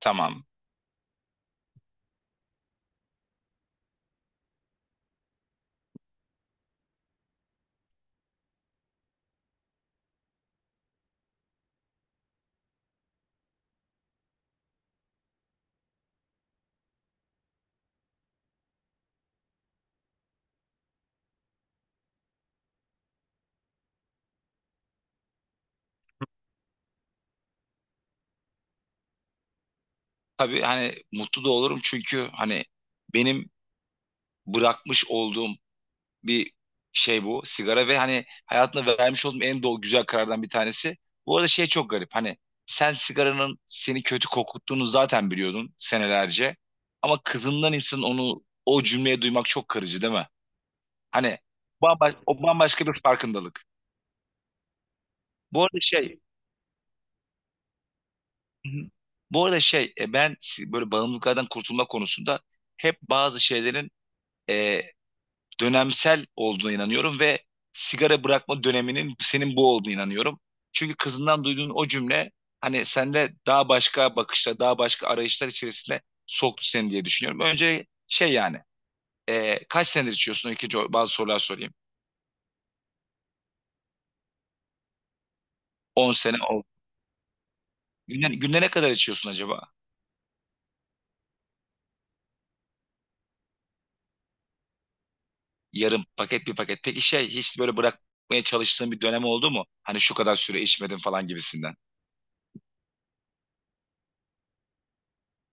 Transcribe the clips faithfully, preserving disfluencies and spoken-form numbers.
Tamam. Tabii hani mutlu da olurum çünkü hani benim bırakmış olduğum bir şey bu sigara ve hani hayatımda vermiş olduğum en doğru güzel karardan bir tanesi. Bu arada şey çok garip hani sen sigaranın seni kötü kokuttuğunu zaten biliyordun senelerce. Ama kızından insan onu o cümleyi duymak çok kırıcı değil mi? Hani bamba o bambaşka bir farkındalık. Bu arada şey Hı hı. bu arada şey e, ben si- Böyle bağımlılıklardan kurtulma konusunda hep bazı şeylerin e, dönemsel olduğuna inanıyorum ve sigara bırakma döneminin senin bu olduğuna inanıyorum. Çünkü kızından duyduğun o cümle hani sende daha başka bakışlar, daha başka arayışlar içerisinde soktu seni diye düşünüyorum. Önce şey yani e, kaç senedir içiyorsun? İkinci bazı sorular sorayım. On sene oldu. Günde, günde ne kadar içiyorsun acaba? Yarım paket bir paket. Peki şey hiç böyle bırakmaya çalıştığın bir dönem oldu mu? Hani şu kadar süre içmedim falan gibisinden.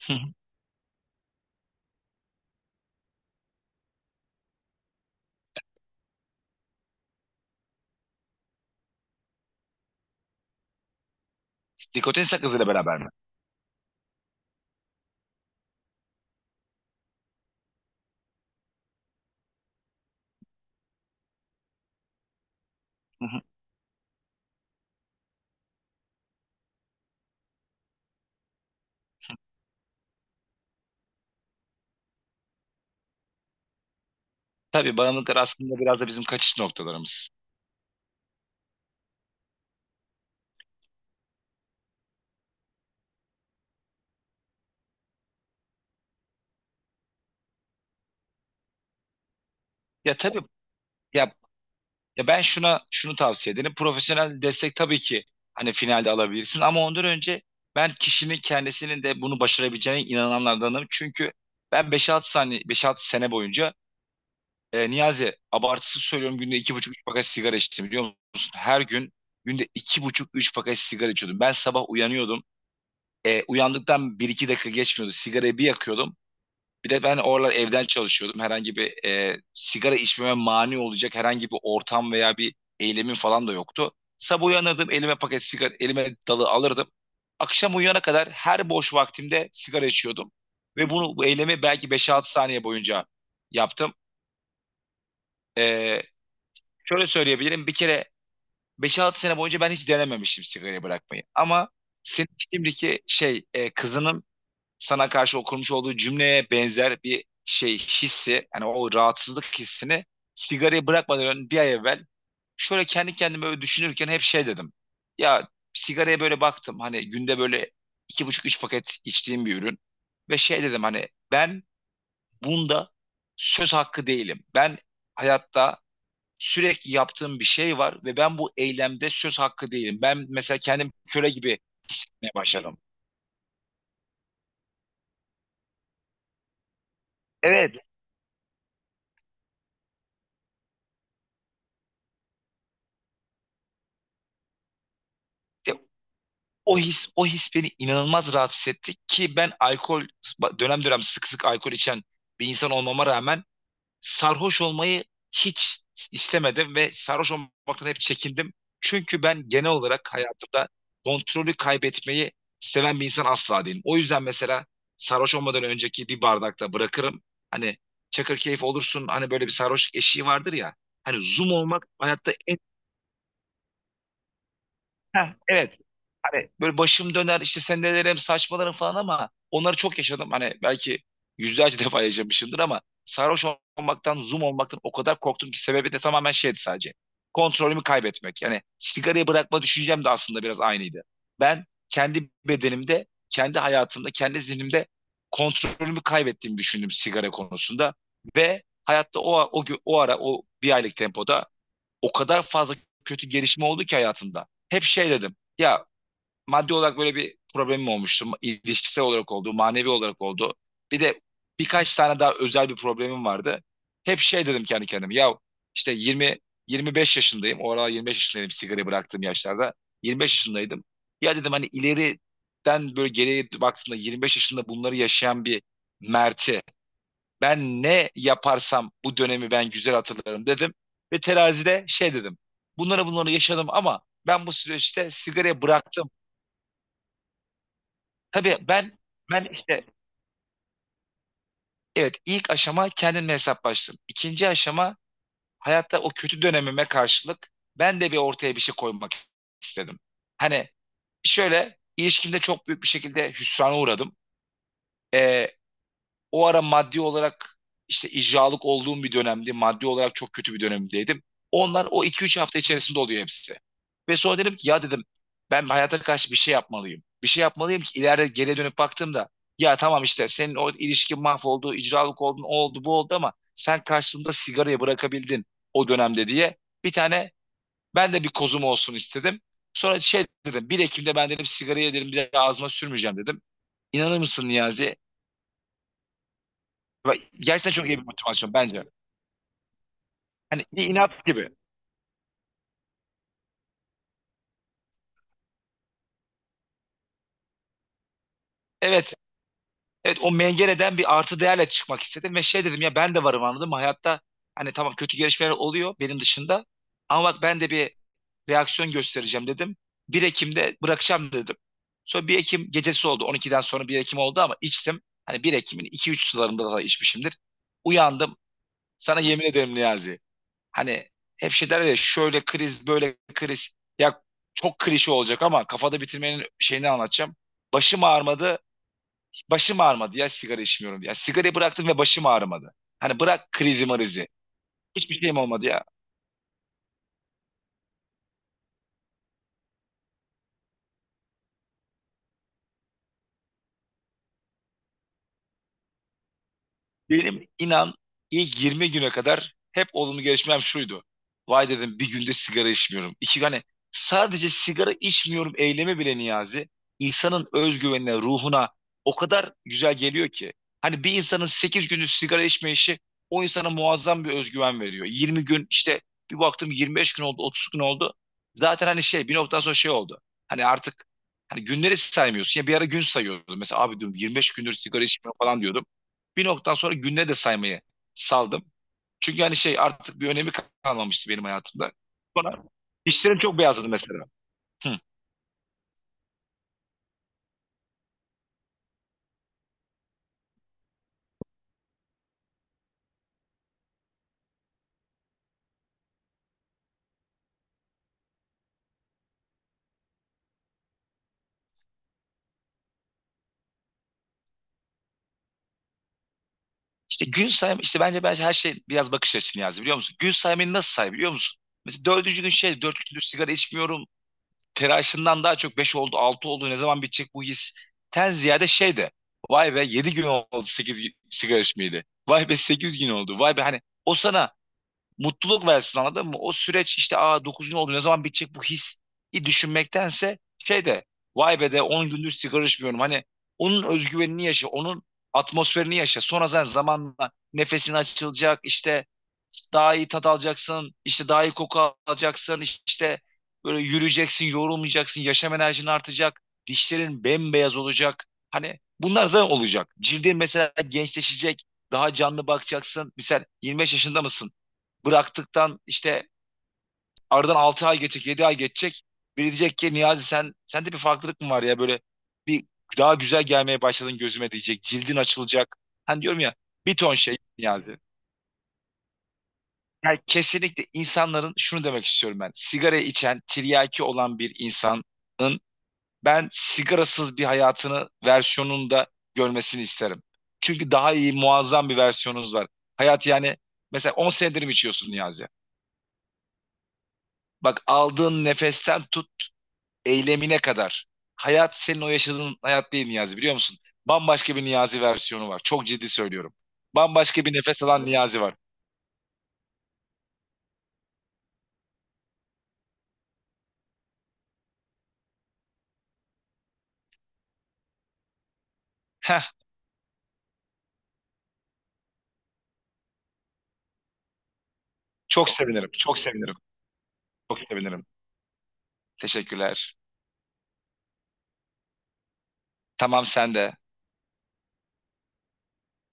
Hı hı. Nikotin sakızıyla beraber mi? Hı hı. Tabii bağımlılıklar aslında biraz da bizim kaçış noktalarımız. Ya tabii, ya, ya ben şuna şunu tavsiye ederim. Profesyonel destek tabii ki hani finalde alabilirsin ama ondan önce ben kişinin kendisinin de bunu başarabileceğine inananlardanım. Çünkü ben beş altı saniye beş altı sene boyunca e, Niyazi abartısız söylüyorum günde iki buçuk üç paket sigara içtim biliyor musun? Her gün günde iki buçuk üç paket sigara içiyordum. Ben sabah uyanıyordum. E, uyandıktan bir iki dakika geçmiyordu. Sigarayı bir yakıyordum. Bir de ben oralar evden çalışıyordum. Herhangi bir e, sigara içmeme mani olacak herhangi bir ortam veya bir eylemin falan da yoktu. Sabah uyanırdım, elime paket sigara, elime dalı alırdım. Akşam uyuyana kadar her boş vaktimde sigara içiyordum. Ve bunu bu eylemi belki beş altı saniye boyunca yaptım. E, Şöyle söyleyebilirim. Bir kere beş altı sene boyunca ben hiç denememiştim sigarayı bırakmayı. Ama senin şimdiki şey e, kızının sana karşı o kurmuş olduğu cümleye benzer bir şey hissi yani o rahatsızlık hissini sigarayı bırakmadan önce bir ay evvel şöyle kendi kendime böyle düşünürken hep şey dedim. Ya sigaraya böyle baktım hani günde böyle iki buçuk üç paket içtiğim bir ürün ve şey dedim hani ben bunda söz hakkı değilim. Ben hayatta sürekli yaptığım bir şey var ve ben bu eylemde söz hakkı değilim. Ben mesela kendim köle gibi hissetmeye başladım. Evet. O his, o his beni inanılmaz rahatsız etti ki ben alkol dönem dönem sık sık alkol içen bir insan olmama rağmen sarhoş olmayı hiç istemedim ve sarhoş olmaktan hep çekindim. Çünkü ben genel olarak hayatımda kontrolü kaybetmeyi seven bir insan asla değilim. O yüzden mesela sarhoş olmadan önceki bir bardakta bırakırım. Hani çakır keyif olursun hani böyle bir sarhoş eşiği vardır ya. Hani zoom olmak hayatta en Heh, evet. Hani böyle başım döner işte sendelerim saçmalarım falan ama onları çok yaşadım. Hani belki yüzlerce defa yaşamışımdır ama sarhoş olmaktan, zoom olmaktan o kadar korktum ki sebebi de tamamen şeydi sadece. Kontrolümü kaybetmek. Yani sigarayı bırakma düşüncem de aslında biraz aynıydı. Ben kendi bedenimde, kendi hayatımda, kendi zihnimde kontrolümü kaybettiğimi düşündüm sigara konusunda ve hayatta o o gö- o ara o bir aylık tempoda o kadar fazla kötü gelişme oldu ki hayatımda. Hep şey dedim. Ya maddi olarak böyle bir problemim olmuştu. İlişkisel olarak oldu, manevi olarak oldu. Bir de birkaç tane daha özel bir problemim vardı. Hep şey dedim kendi kendime. Ya işte yirmi yirmi beş yaşındayım. O aralar yirmi beş yaşındaydım sigarayı bıraktığım yaşlarda. yirmi beş yaşındaydım. Ya dedim hani ileriden böyle geriye baktığında yirmi beş yaşında bunları yaşayan bir Mert'i ben ne yaparsam bu dönemi ben güzel hatırlarım dedim. Ve terazide şey dedim. Bunları bunları yaşadım ama ben bu süreçte sigarayı bıraktım. Tabii ben ben işte evet ilk aşama kendimle hesaplaştım. İkinci aşama hayatta o kötü dönemime karşılık ben de bir ortaya bir şey koymak istedim. Hani şöyle ilişkimde çok büyük bir şekilde hüsrana uğradım. Ee, O ara maddi olarak işte icralık olduğum bir dönemdi. Maddi olarak çok kötü bir dönemdeydim. Onlar o iki üç hafta içerisinde oluyor hepsi. Ve sonra dedim ki ya dedim ben hayata karşı bir şey yapmalıyım. Bir şey yapmalıyım ki ileride geriye dönüp baktığımda ya tamam işte senin o ilişkin mahvoldu, icralık oldun, o oldu, bu oldu ama sen karşılığında sigarayı bırakabildin o dönemde diye bir tane ben de bir kozum olsun istedim. Sonra şey dedim bir Ekim'de ben dedim sigarayı dedim bir daha ağzıma sürmeyeceğim dedim. İnanır mısın Niyazi? Bak, gerçekten çok iyi bir motivasyon bence. Hani bir inat gibi. Evet, evet o mengeneden bir artı değerle çıkmak istedim ve şey dedim ya ben de varım anladım. Hayatta hani tamam kötü gelişmeler oluyor benim dışında ama bak ben de bir reaksiyon göstereceğim dedim. bir Ekim'de bırakacağım dedim. Sonra bir Ekim gecesi oldu. on ikiden sonra bir Ekim oldu ama içtim. Hani bir Ekim'in iki üç sularında da içmişimdir. Uyandım. Sana yemin ederim Niyazi. Hani hep şey derler ya şöyle kriz böyle kriz. Ya çok klişe olacak ama kafada bitirmenin şeyini anlatacağım. Başım ağrımadı, başım ağrımadı ya sigara içmiyorum. Ya sigarayı bıraktım ve başım ağrımadı. Hani bırak krizi marizi. Hiçbir şeyim olmadı ya. Benim inan ilk yirmi güne kadar hep olumlu gelişmem şuydu. Vay dedim bir günde sigara içmiyorum. İki hani sadece sigara içmiyorum eylemi bile Niyazi insanın özgüvenine, ruhuna o kadar güzel geliyor ki. Hani bir insanın sekiz gündüz sigara içme işi o insana muazzam bir özgüven veriyor. yirmi gün işte bir baktım yirmi beş gün oldu, otuz gün oldu. Zaten hani şey bir noktadan sonra şey oldu. Hani artık hani günleri saymıyorsun. Ya bir ara gün sayıyordum. Mesela abi diyorum yirmi beş gündür sigara içmiyorum falan diyordum. Bir noktadan sonra günleri de saymayı saldım. Çünkü hani şey artık bir önemi kalmamıştı benim hayatımda. Sonra işlerim çok beyazladı mesela. Hı. İşte gün sayma, işte bence bence her şey biraz bakış açısını yazdı biliyor musun? Gün saymayı nasıl say biliyor musun? Mesela dördüncü gün şey dört küllük sigara içmiyorum. Telaşından daha çok beş oldu, altı oldu. Ne zaman bitecek bu his? Ten ziyade şey de. Vay be yedi gün oldu sekiz sigara içmeyeli. Vay be sekiz gün oldu. Vay be hani o sana mutluluk versin anladın mı? O süreç işte aa dokuz gün oldu ne zaman bitecek bu hissi düşünmektense şey de vay be de on gündür sigara içmiyorum. Hani onun özgüvenini yaşa, onun atmosferini yaşa. Sonra sen zamanla nefesin açılacak işte daha iyi tat alacaksın, işte daha iyi koku alacaksın, işte böyle yürüyeceksin, yorulmayacaksın, yaşam enerjin artacak, dişlerin bembeyaz olacak. Hani bunlar zaten olacak. Cildin mesela gençleşecek, daha canlı bakacaksın. Mesela yirmi beş yaşında mısın? Bıraktıktan işte aradan altı ay geçecek, yedi ay geçecek. Biri diyecek ki Niyazi sen sende bir farklılık mı var ya böyle bir daha güzel gelmeye başladın gözüme diyecek. Cildin açılacak. Hani diyorum ya bir ton şey Niyazi. Yani kesinlikle insanların şunu demek istiyorum ben. Sigara içen, tiryaki olan bir insanın ben sigarasız bir hayatını versiyonunda görmesini isterim. Çünkü daha iyi, muazzam bir versiyonunuz var. Hayat yani mesela on senedir mi içiyorsun Niyazi? Bak aldığın nefesten tut eylemine kadar. Hayat senin o yaşadığın hayat değil Niyazi biliyor musun? Bambaşka bir Niyazi versiyonu var. Çok ciddi söylüyorum. Bambaşka bir nefes alan Niyazi var. Heh, çok sevinirim. Çok sevinirim. Çok sevinirim. Teşekkürler. Tamam sen de.